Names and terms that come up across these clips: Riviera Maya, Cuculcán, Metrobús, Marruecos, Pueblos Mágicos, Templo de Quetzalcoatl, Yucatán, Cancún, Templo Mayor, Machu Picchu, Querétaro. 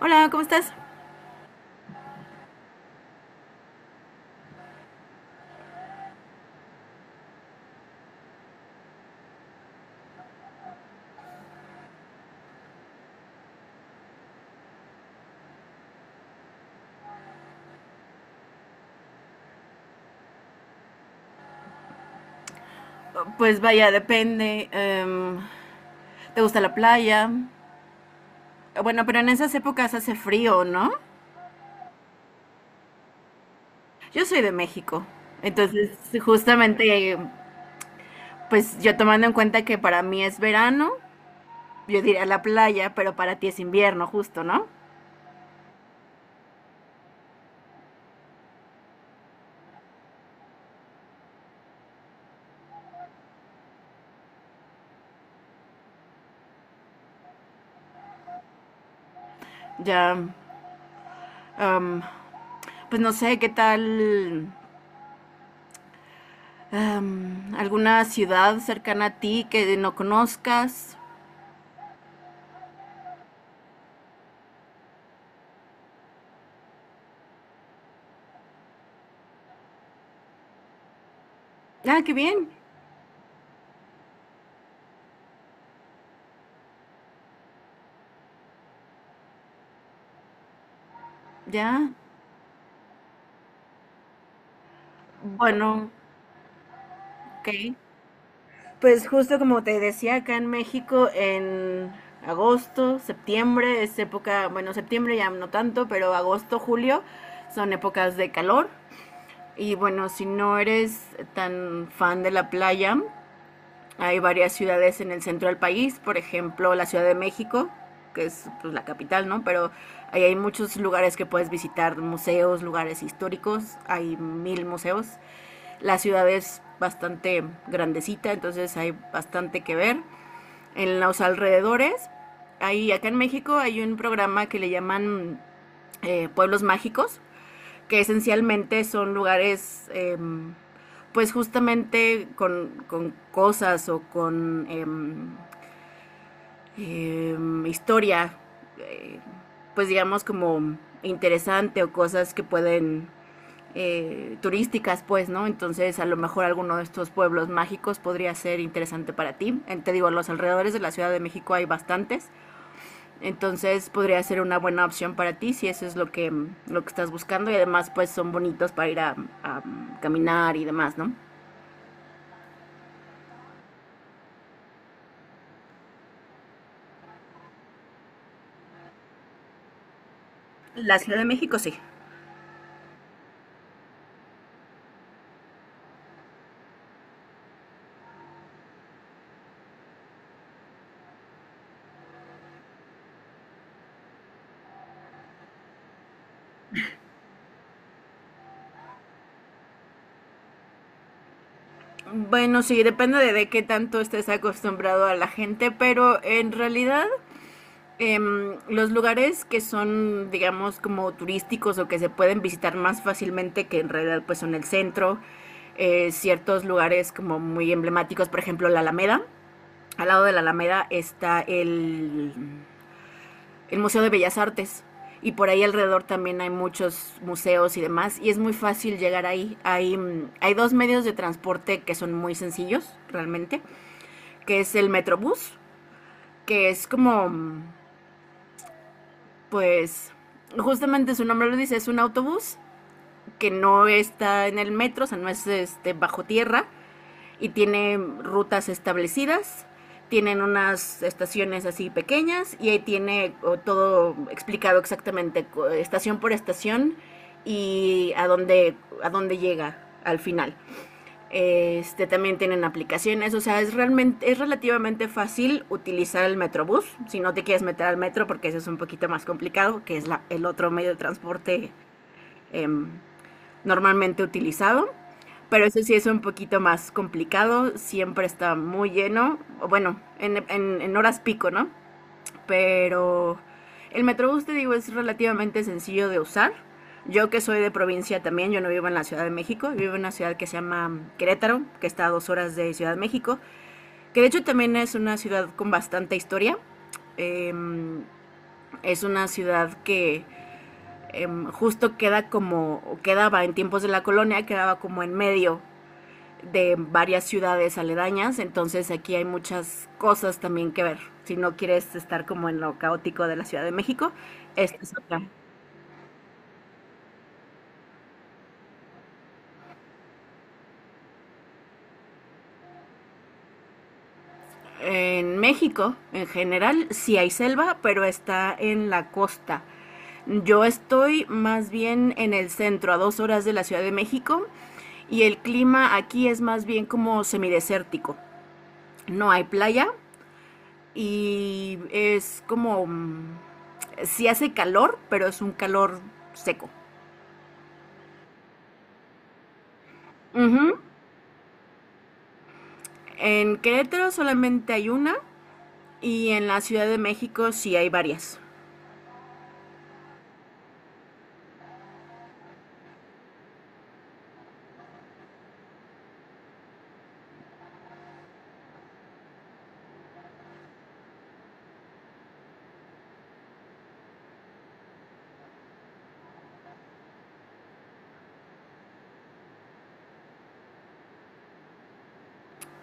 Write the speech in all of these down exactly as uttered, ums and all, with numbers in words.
Hola, ¿cómo estás? Pues vaya, depende. Em, ¿te gusta la playa? Bueno, pero en esas épocas hace frío, ¿no? Yo soy de México. Entonces, justamente, pues yo tomando en cuenta que para mí es verano, yo diría la playa, pero para ti es invierno, justo, ¿no? Ya, em, pues no sé, ¿qué tal em, alguna ciudad cercana a ti que no conozcas? Ah, qué bien. Ya. Bueno, ok. Pues justo como te decía, acá en México en agosto, septiembre es época, bueno, septiembre ya no tanto, pero agosto, julio son épocas de calor. Y bueno, si no eres tan fan de la playa, hay varias ciudades en el centro del país, por ejemplo, la Ciudad de México, que es pues, la capital, ¿no? Pero ahí hay muchos lugares que puedes visitar, museos, lugares históricos, hay mil museos, la ciudad es bastante grandecita, entonces hay bastante que ver. En los alrededores, ahí acá en México hay un programa que le llaman eh, Pueblos Mágicos, que esencialmente son lugares, eh, pues justamente con, con, cosas o con eh, eh, historia, eh, pues digamos como interesante o cosas que pueden eh, turísticas, pues, ¿no? Entonces, a lo mejor alguno de estos pueblos mágicos podría ser interesante para ti. Eh, Te digo, los alrededores de la Ciudad de México hay bastantes, entonces podría ser una buena opción para ti si eso es lo que, lo que estás buscando y además, pues, son bonitos para ir a, a caminar y demás, ¿no? La Ciudad de México sí. Bueno, sí, depende de, de qué tanto estés acostumbrado a la gente, pero en realidad Em, los lugares que son, digamos, como turísticos o que se pueden visitar más fácilmente que en realidad pues son el centro, eh, ciertos lugares como muy emblemáticos, por ejemplo la Alameda. Al lado de la Alameda está el, el Museo de Bellas Artes y por ahí alrededor también hay muchos museos y demás y es muy fácil llegar ahí. Hay, mm, hay dos medios de transporte que son muy sencillos realmente, que es el Metrobús, que es como mm, pues justamente su nombre lo dice, es un autobús que no está en el metro, o sea, no es este, bajo tierra y tiene rutas establecidas, tienen unas estaciones así pequeñas y ahí tiene todo explicado exactamente, estación por estación y a dónde, a dónde llega al final. Este, también tienen aplicaciones, o sea, es realmente, es relativamente fácil utilizar el Metrobús, si no te quieres meter al metro, porque eso es un poquito más complicado, que es la- el otro medio de transporte em, normalmente utilizado, pero eso sí es un poquito más complicado, siempre está muy lleno, o bueno, en, en- en horas pico, ¿no? Pero el Metrobús, te digo, es relativamente sencillo de usar. Yo que soy de provincia también, yo no vivo en la Ciudad de México, vivo en una ciudad que se llama Querétaro, que está a dos horas de Ciudad de México, que de hecho también es una ciudad con bastante historia. Eh, es una ciudad que eh, justo queda como, quedaba en tiempos de la colonia, quedaba como en medio de varias ciudades aledañas, entonces aquí hay muchas cosas también que ver. Si no quieres estar como en lo caótico de la Ciudad de México, esta es otra. En México, en general, sí hay selva, pero está en la costa. Yo estoy más bien en el centro, a dos horas de la Ciudad de México, y el clima aquí es más bien como semidesértico. No hay playa y es como mm, sí hace calor, pero es un calor seco. Ujú. En Querétaro solamente hay una y en la Ciudad de México sí hay varias.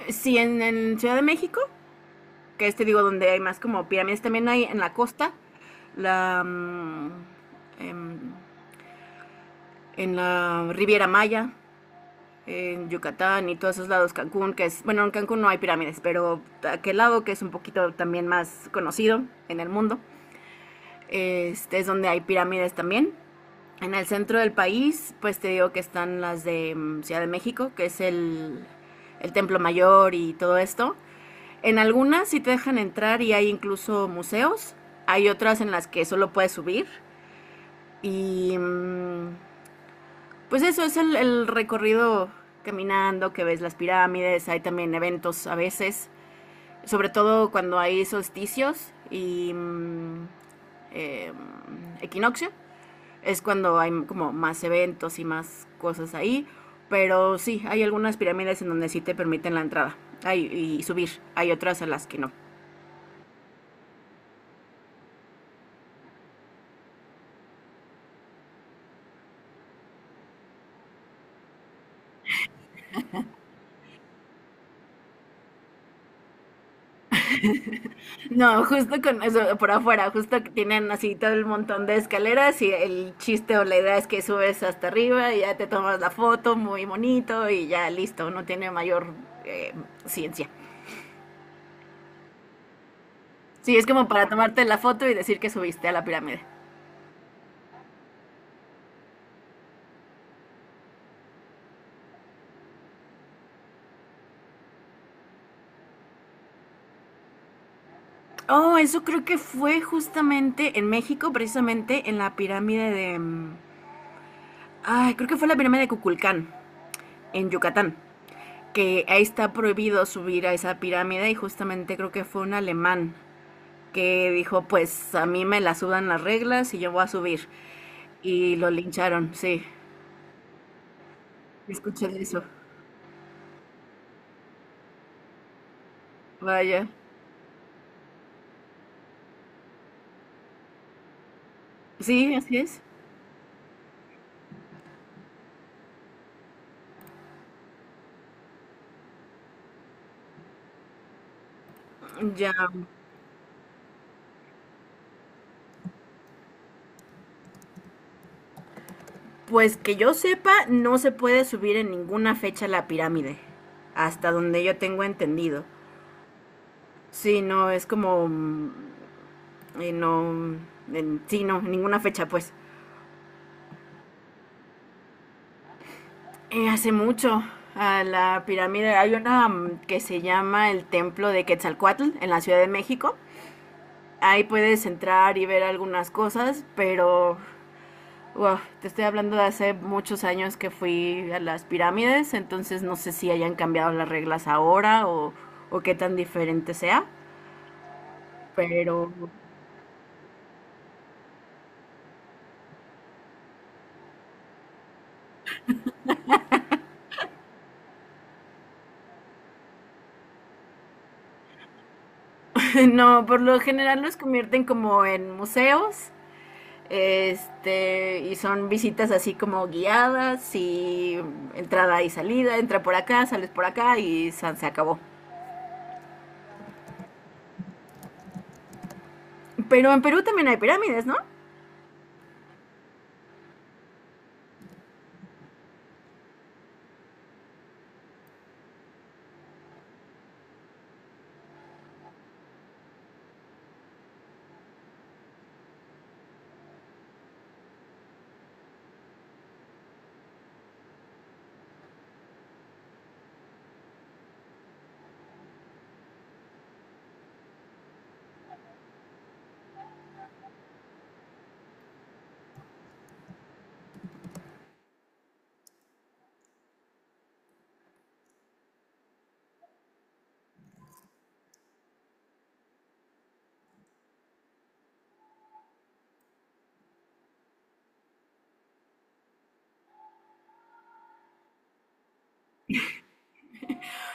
Sí, en, en Ciudad de México, que es, te digo, donde hay más como pirámides, también hay en la costa, la, mm, em, en la Riviera Maya, en Yucatán y todos esos lados, Cancún, que es, bueno, en Cancún no hay pirámides, pero aquel lado que es un poquito también más conocido en el mundo, este es donde hay pirámides también. En el centro del país, pues te digo que están las de mm, Ciudad de México, que es el, el Templo Mayor y todo esto. En algunas sí te dejan entrar y hay incluso museos. Hay otras en las que solo puedes subir. Y mm, pues eso es el, el recorrido caminando, que ves las pirámides, hay también eventos a veces, sobre todo cuando hay solsticios y mm, eh, mm, equinoccio es cuando hay como más eventos y más cosas ahí. Pero sí, hay algunas pirámides en donde sí te permiten la entrada hay, y subir. Hay otras a las que no. No, justo con eso, por afuera, justo que tienen así todo el montón de escaleras y el chiste o la idea es que subes hasta arriba y ya te tomas la foto muy bonito y ya listo, no tiene mayor eh, ciencia. Sí, es como para tomarte la foto y decir que subiste a la pirámide. Oh, eso creo que fue justamente en México, precisamente en la pirámide de mm, ay, creo que fue la pirámide de Cuculcán, en Yucatán, que ahí está prohibido subir a esa pirámide y justamente creo que fue un alemán que dijo, pues a mí me la sudan las reglas y yo voy a subir. Y lo lincharon, sí. Escuché de eso. Vaya. Sí, así es. Ya. Pues que yo sepa, no se puede subir en ninguna fecha a la pirámide. Hasta donde yo tengo entendido. Sí, no, es como mm, eh, no, en- sí, no, ninguna fecha, pues. Eh, hace mucho, a la pirámide, hay una mm, que se llama el Templo de Quetzalcoatl en la Ciudad de México. Ahí puedes entrar y ver algunas cosas, pero wow, te estoy hablando de hace muchos años que fui a las pirámides, entonces no sé si hayan cambiado las reglas ahora o, o qué tan diferente sea. Pero no, por lo general los convierten como en museos. Este, y son visitas así como guiadas y entrada y salida, entra por acá, sales por acá y san, se acabó. Pero en Perú también hay pirámides, ¿no?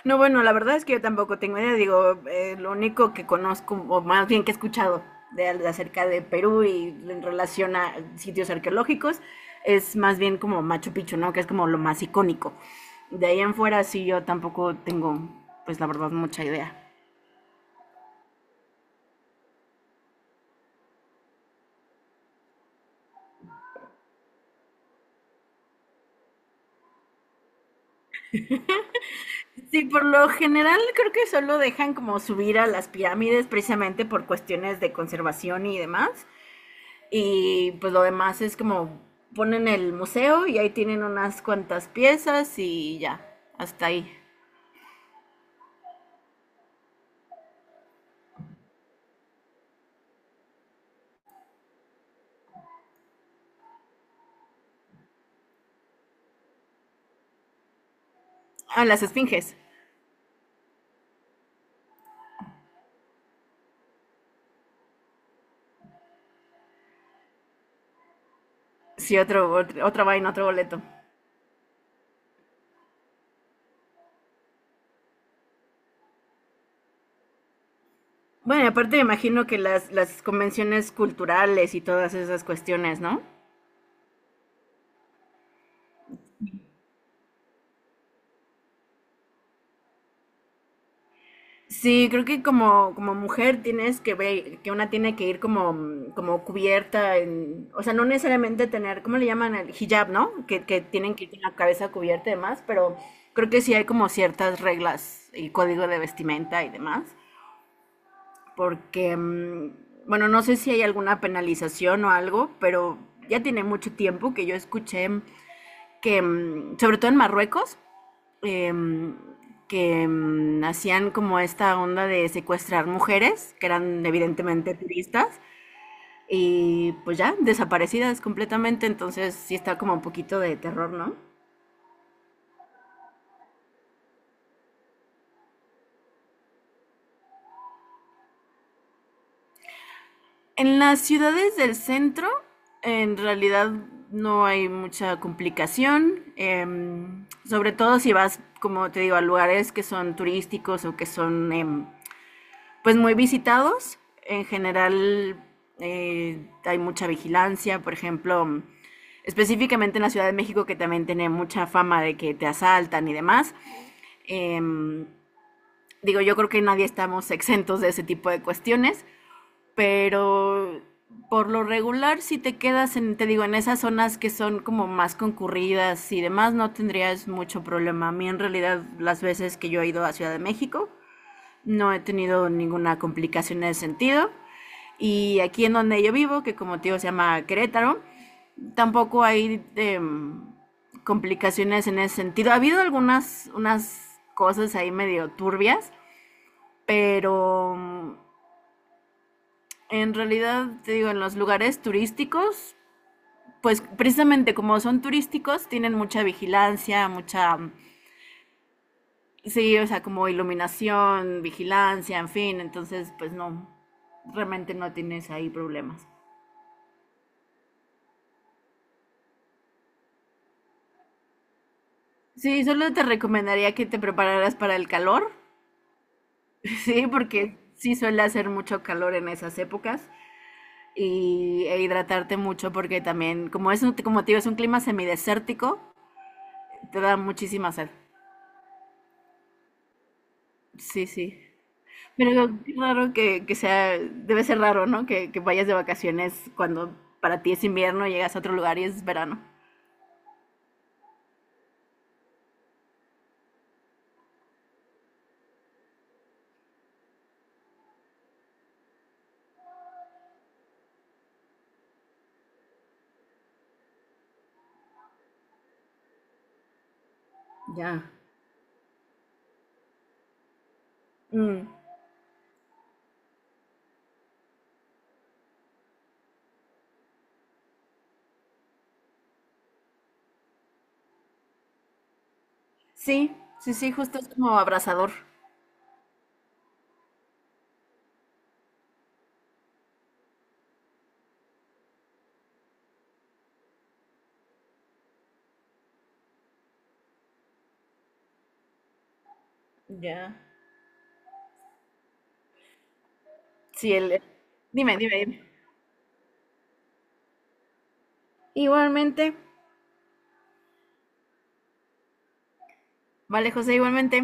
No, bueno, la verdad es que yo tampoco tengo idea, digo, eh, lo único que conozco, o más bien que he escuchado de, de acerca de Perú y en relación a sitios arqueológicos, es más bien como Machu Picchu, ¿no? Que es como lo más icónico. De ahí en fuera sí yo tampoco tengo, pues la verdad, mucha idea. Sí, por lo general creo que solo dejan como subir a las pirámides precisamente por cuestiones de conservación y demás. Y pues lo demás es como ponen el museo y ahí tienen unas cuantas piezas y ya, hasta ahí. Ah, las esfinges. Sí, otro, otro- otra vaina, otro boleto. Bueno, aparte me imagino que las, las convenciones culturales y todas esas cuestiones, ¿no? Sí, creo que como, como mujer tienes que ver, que una tiene que ir como, mm, como cubierta, en, o sea, no necesariamente tener, ¿cómo le llaman? El hijab, ¿no? Que, que tienen que ir con la cabeza cubierta y demás, pero creo que sí hay como ciertas reglas y código de vestimenta y demás, porque, mm, bueno, no sé si hay alguna penalización o algo, pero ya tiene mucho tiempo que yo escuché que, mm, sobre todo en Marruecos, em, que mm, hacían como esta onda de secuestrar mujeres, que eran evidentemente turistas, y pues ya, desaparecidas completamente, entonces sí está como un poquito de terror, ¿no? En las ciudades del centro, en realidad no hay mucha complicación, em, sobre todo si vas, como te digo, a lugares que son turísticos o que son em, pues muy visitados. En general eh, hay mucha vigilancia, por ejemplo, mm, específicamente en la Ciudad de México que también tiene mucha fama de que te asaltan y demás. Eh, Digo, yo creo que nadie estamos exentos de ese tipo de cuestiones, pero por lo regular si te quedas en, te digo, en esas zonas que son como más concurridas y demás, no tendrías mucho problema. A mí en realidad las veces que yo he ido a Ciudad de México, no he tenido ninguna complicación en ese sentido. Y aquí en donde yo vivo, que como te digo se llama Querétaro, tampoco hay em, complicaciones en ese sentido. Ha habido algunas unas cosas ahí medio turbias, pero mm, en realidad, te digo, en los lugares turísticos, pues precisamente como son turísticos, tienen mucha vigilancia, mucha, mm, sí, o sea, como iluminación, vigilancia, en fin, entonces pues no, realmente no tienes ahí problemas. Sí, solo te recomendaría que te prepararas para el calor, sí, porque sí suele hacer mucho calor en esas épocas y e hidratarte mucho porque también, como es, un- como te digo, es un clima semidesértico, te da muchísima sed. Sí, sí. Pero qué raro que, que sea, debe ser raro, ¿no? Que, que vayas de vacaciones cuando para ti es invierno, llegas a otro lugar y es verano. Ya. Mm. Sí, sí, sí, justo es como abrasador. Ya. Sí, el... Dime, dime, dime. Igualmente. Vale, José, igualmente.